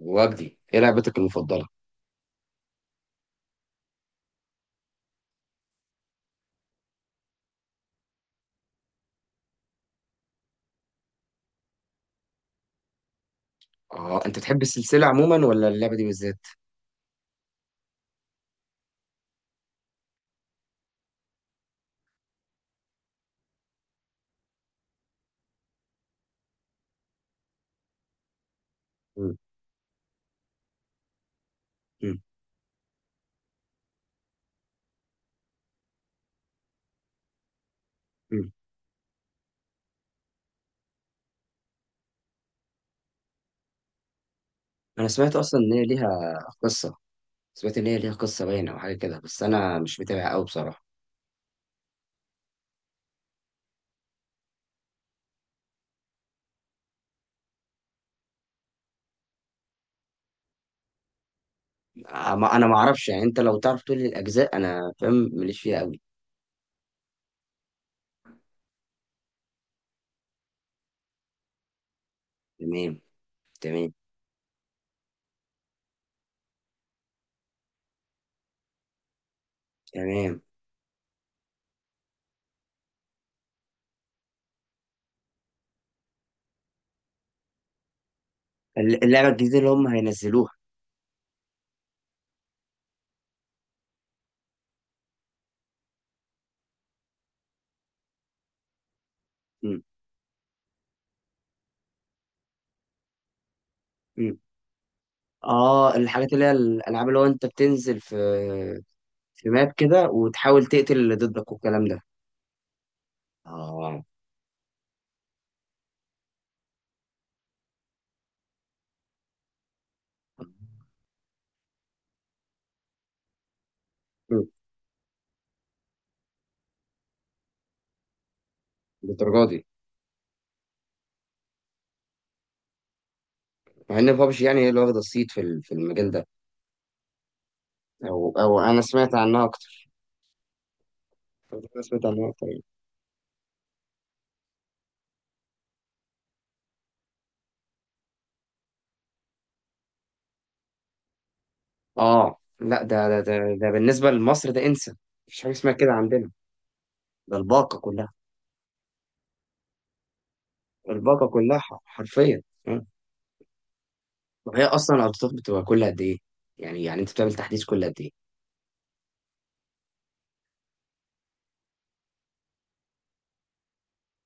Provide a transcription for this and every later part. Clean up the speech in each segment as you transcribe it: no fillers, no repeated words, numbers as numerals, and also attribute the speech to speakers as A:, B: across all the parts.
A: وجدي، ايه لعبتك المفضله؟ اه، انت تحب السلسله عموما ولا اللعبه دي بالذات؟ مم. مم. مم. انا سمعت اصلا ان هي ليها قصه. سمعت ان هي ليها قصه باينه او حاجه كده، بس انا مش متابع قوي بصراحه. انا ما اعرفش، يعني انت لو تعرف تقول لي الاجزاء، انا فاهم ماليش فيها قوي. تمام. تمام. تمام. اللعبه الجديده اللي هم هينزلوها. مم. مم. اه، الحاجات اللي هي الالعاب اللي هو انت بتنزل في، في ماب كده وتحاول تقتل اللي ضدك والكلام ده. اه. مم. بالدرجه دي. مع ان بابجي يعني هي اللي واخده الصيت في المجال ده. او انا سمعت عنها اكتر. انا سمعت عنها اكتر يعني. اه، لا، ده بالنسبه لمصر ده انسى. مفيش حاجه اسمها كده عندنا. ده الباقه كلها. الباقه كلها حرفيا. مم. وهي اصلا الارتباط بتبقى كل قد ايه؟ يعني انت بتعمل تحديث كل قد ايه؟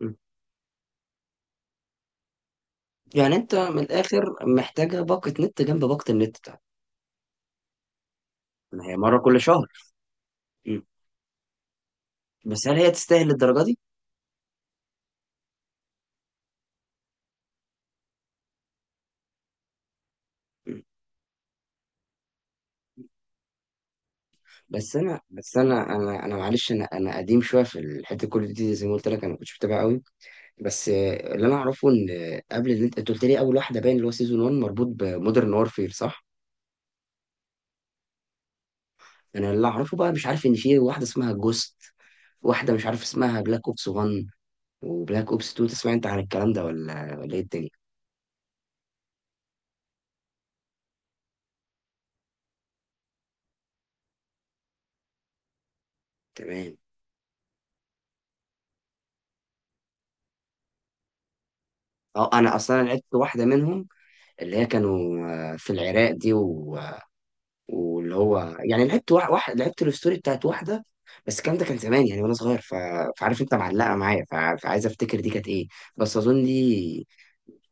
A: مم. يعني انت من الاخر محتاجه باقه نت جنب باقه النت بتاعتك. ما هي مره كل شهر. مم. بس هل هي تستاهل الدرجه دي؟ بس انا معلش، انا قديم شويه في الحته كل دي، زي ما قلت لك انا ما كنتش متابع قوي. بس اللي انا اعرفه ان قبل اللي انت قلت لي اول واحده باين اللي هو سيزون 1 مربوط بمودرن وارفير، صح؟ انا اللي اعرفه بقى، مش عارف ان في واحده اسمها جوست. واحده مش عارف اسمها بلاك اوبس 1، وبلاك اوبس 2. تسمع انت عن الكلام ده ولا ايه الدنيا؟ تمام. اه، انا اصلا لعبت واحده منهم. اللي هي كانوا، في العراق دي، واللي هو يعني لعبت واحد لعبت الستوري بتاعت واحده. بس الكلام ده كان زمان يعني وانا صغير، فعارف انت معلقه معايا، فعايز افتكر دي كانت ايه. بس اظن دي،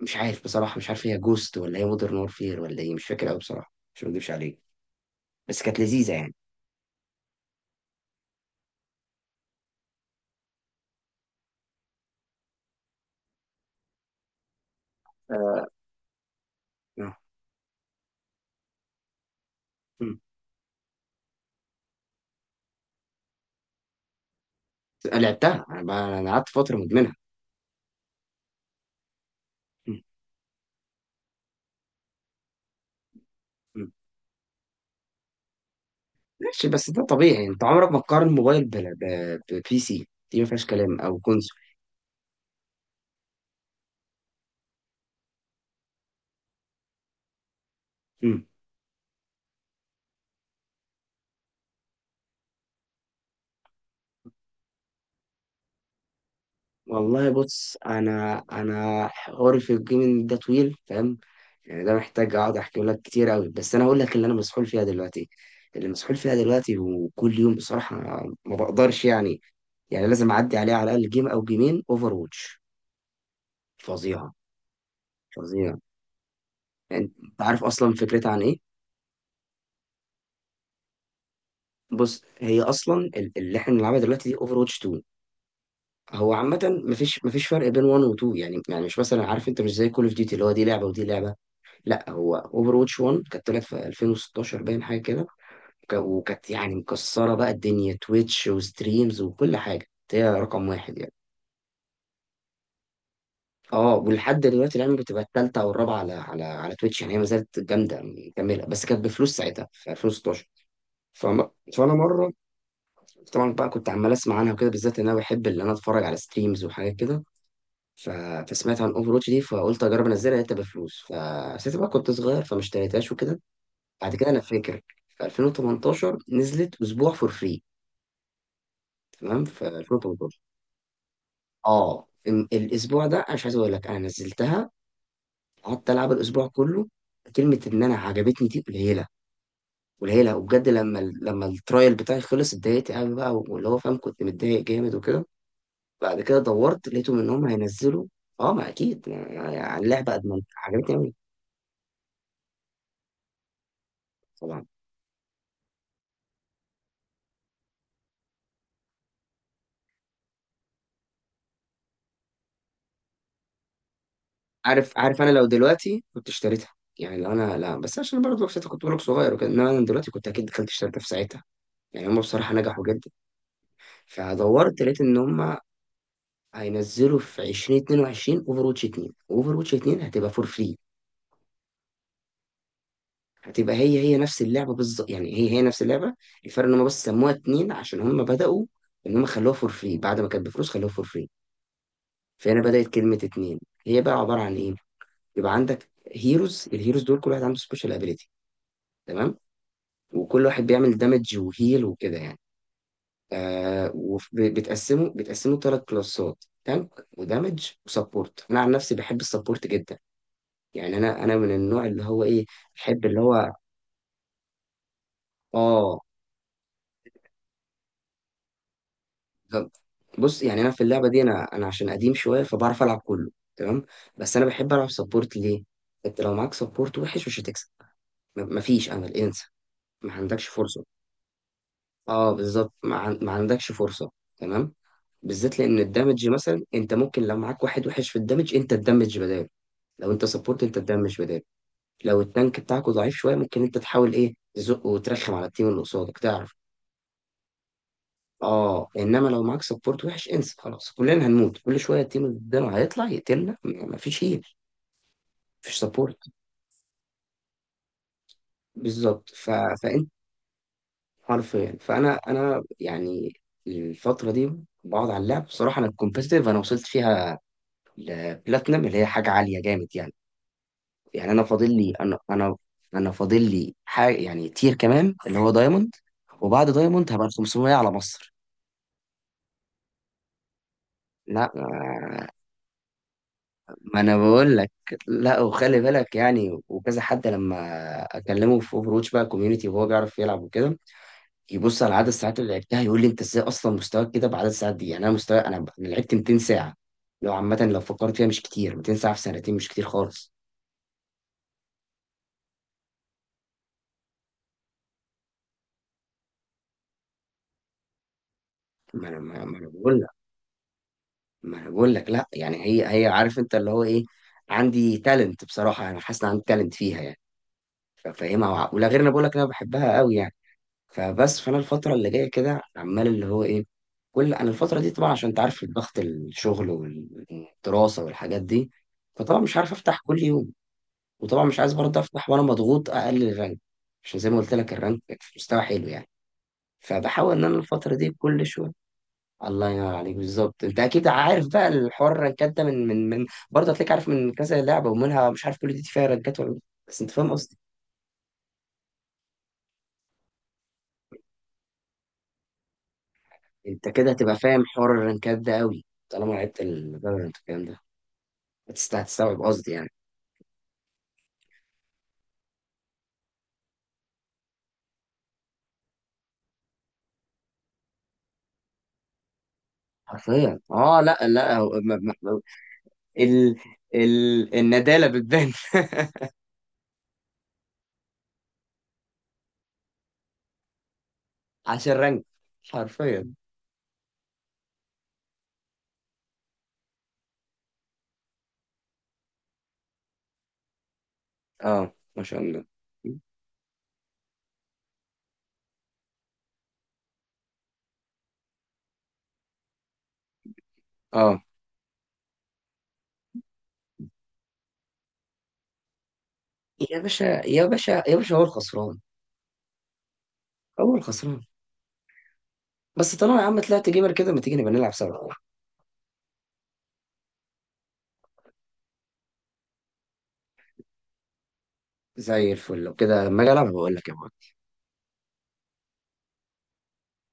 A: مش عارف بصراحه، مش عارف هي جوست ولا هي مودرن وورفير ولا ايه، مش فاكر قوي بصراحه، مش مكدبش عليك. بس كانت لذيذه يعني. آه. مم. لعبتها انا بقى، انا قعدت فتره مدمنها. مم. مم. ماشي. بس ده طبيعي، انت عمرك ما تقارن موبايل ببي سي، دي ما فيهاش كلام، او كونسول. والله بص، انا حواري في الجيمنج ده طويل فاهم. يعني ده محتاج اقعد احكي لك كتير قوي، بس انا هقول لك اللي انا مسحول فيها دلوقتي. اللي مسحول فيها دلوقتي وكل يوم بصراحة، ما بقدرش يعني. يعني لازم اعدي عليه على الاقل جيم او جيمين اوفر واتش. فظيعة. فظيعة. يعني انت عارف اصلا فكرتها عن ايه؟ بص، هي اصلا اللي احنا بنلعبها دلوقتي دي اوفر واتش 2. هو عامة مفيش فرق بين 1 و 2، يعني مش مثلا عارف انت مش زي كول اوف ديوتي اللي هو دي لعبة ودي لعبة. لا، هو اوفر واتش 1 كانت طلعت في 2016 باين حاجه كده، وكانت يعني مكسره بقى الدنيا تويتش وستريمز وكل حاجه. كانت هي رقم واحد يعني. اه، ولحد دلوقتي الان بتبقى الثالثه او الرابعه على تويتش، يعني هي ما زالت جامده مكمله، بس كانت بفلوس ساعتها في 2016. فم... فانا مره، طبعا بقى كنت عمال اسمع عنها وكده، بالذات ان انا بحب ان انا اتفرج على ستريمز وحاجات كده، ف... فسمعت عن اوفر واتش دي، فقلت اجرب انزلها، لقيتها بفلوس، فساعتها بقى كنت صغير فما اشتريتهاش وكده. بعد كده انا فاكر في 2018 نزلت اسبوع فور فري. تمام، في 2018. اه، الاسبوع ده انا مش عايز اقول لك انا نزلتها. قعدت العب الاسبوع كله. كلمه ان انا عجبتني دي قليله. قليله، وبجد لما لما الترايل بتاعي خلص اتضايقت قوي بقى، واللي هو فاهم كنت متضايق جامد وكده. بعد كده دورت لقيتهم ان هم هينزلوا. اه، ما اكيد يعني اللعبه ادمنت عجبتني قوي. عارف انا لو دلوقتي كنت اشتريتها. يعني لو انا، لا، بس عشان برضه وقتها كنت بقولك صغير وكده، انما انا دلوقتي كنت اكيد دخلت اشتريتها في ساعتها. يعني هم بصراحه نجحوا جدا. فدورت لقيت ان هم هينزلوا في 2022 اوفر واتش 2. اوفر واتش 2 هتبقى فور فري. هتبقى هي نفس اللعبه بالظبط. يعني هي نفس اللعبه. الفرق ان هم بس سموها 2 عشان هم بداوا ان هم خلوها فور فري، بعد ما كانت بفلوس خلوها فور فري. فهنا بدات كلمه 2. هي بقى عباره عن ايه؟ يبقى عندك هيروز. الهيروز دول كل واحد عنده سبيشال ابيليتي. تمام. وكل واحد بيعمل دامج وهيل وكده يعني. وبتقسمه، بتقسمه ثلاث كلاسات: تانك ودامج وسبورت. انا عن نفسي بحب السبورت جدا. يعني انا من النوع اللي هو ايه، بحب اللي هو، اه، ب- بص، يعني انا في اللعبه دي انا عشان قديم شويه فبعرف العب كله. تمام. بس انا بحب العب سبورت ليه؟ انت لو معاك سبورت وحش مش هتكسب. مفيش امل، انسى. ما عندكش فرصه. اه، بالظبط، ما عندكش فرصة. تمام. بالذات لان الدامج مثلا، انت ممكن لو معاك واحد وحش في الدامج انت تدمج بداله، لو انت سبورت انت تدمج بداله، لو التانك بتاعك ضعيف شوية ممكن انت تحاول ايه تزق وترخم على التيم اللي قصادك تعرف. اه، انما لو معاك سبورت وحش انسى خلاص، كلنا هنموت كل شوية، التيم اللي قدامه هيطلع يقتلنا، مفيش هيل، مفيش سبورت. بالظبط. فانت حرفيا، فانا يعني الفترة دي بقعد على اللعب بصراحة. انا الكومبيتيتيف انا وصلت فيها لبلاتنم، اللي هي حاجة عالية جامد يعني. يعني أنا فاضل لي أنا فاضل لي حاجة، يعني تير كمان اللي هو دايموند. وبعد دايموند هبقى ال 500 على مصر. لا ما، ما أنا بقول لك. لا، وخلي بالك يعني، وكذا حد لما أكلمه في أوفرواتش بقى كوميونيتي وهو بيعرف يلعب وكده، يبص على عدد الساعات اللي لعبتها يقول لي أنت إزاي أصلا مستواك كده بعدد الساعات دي. يعني أنا مستوى، أنا لعبت 200 ساعة. لو عامة لو فكرت فيها مش كتير، 200 ساعة في سنتين مش كتير خالص. ما أنا، ما أنا بقول، ما انا بقول لك لا. يعني هي عارف انت اللي هو ايه، عندي تالنت بصراحه، انا حاسس ان عندي تالنت فيها يعني. ففاهمها ولا غير، انا بقول لك انا بحبها قوي يعني. فبس فانا الفتره اللي جايه كده عمال اللي هو ايه، كل انا الفتره دي طبعا عشان انت عارف ضغط الشغل والدراسه والحاجات دي، فطبعا مش عارف افتح كل يوم، وطبعا مش عايز برضه افتح وانا مضغوط اقلل الرانك. عشان زي ما قلت لك الرانك في مستوى حلو يعني، فبحاول ان انا الفتره دي كل شويه. الله ينور عليك، بالظبط. انت اكيد عارف بقى الحوار، الرنكات ده من برضه هتلاقيك عارف من كذا لعبه ومنها، مش عارف كل دي فيها رنكات ولا لا. بس انت فاهم قصدي. انت كده هتبقى فاهم حوار الرنكات ده قوي طالما لعبت الفالورنت والكلام ده. هتستوعب قصدي يعني. حرفيا. اه، لا لا، ال ال الندالة بتبان عشان رنك. حرفيا. اه، ما شاء الله. اه، يا باشا يا باشا يا باشا، هو الخسران. هو الخسران. بس طالما يا عم طلعت جيمر كده، ما تيجي نبقى نلعب سوا؟ زي الفل، لو كده لما اجي العب بقول لك يا معلم.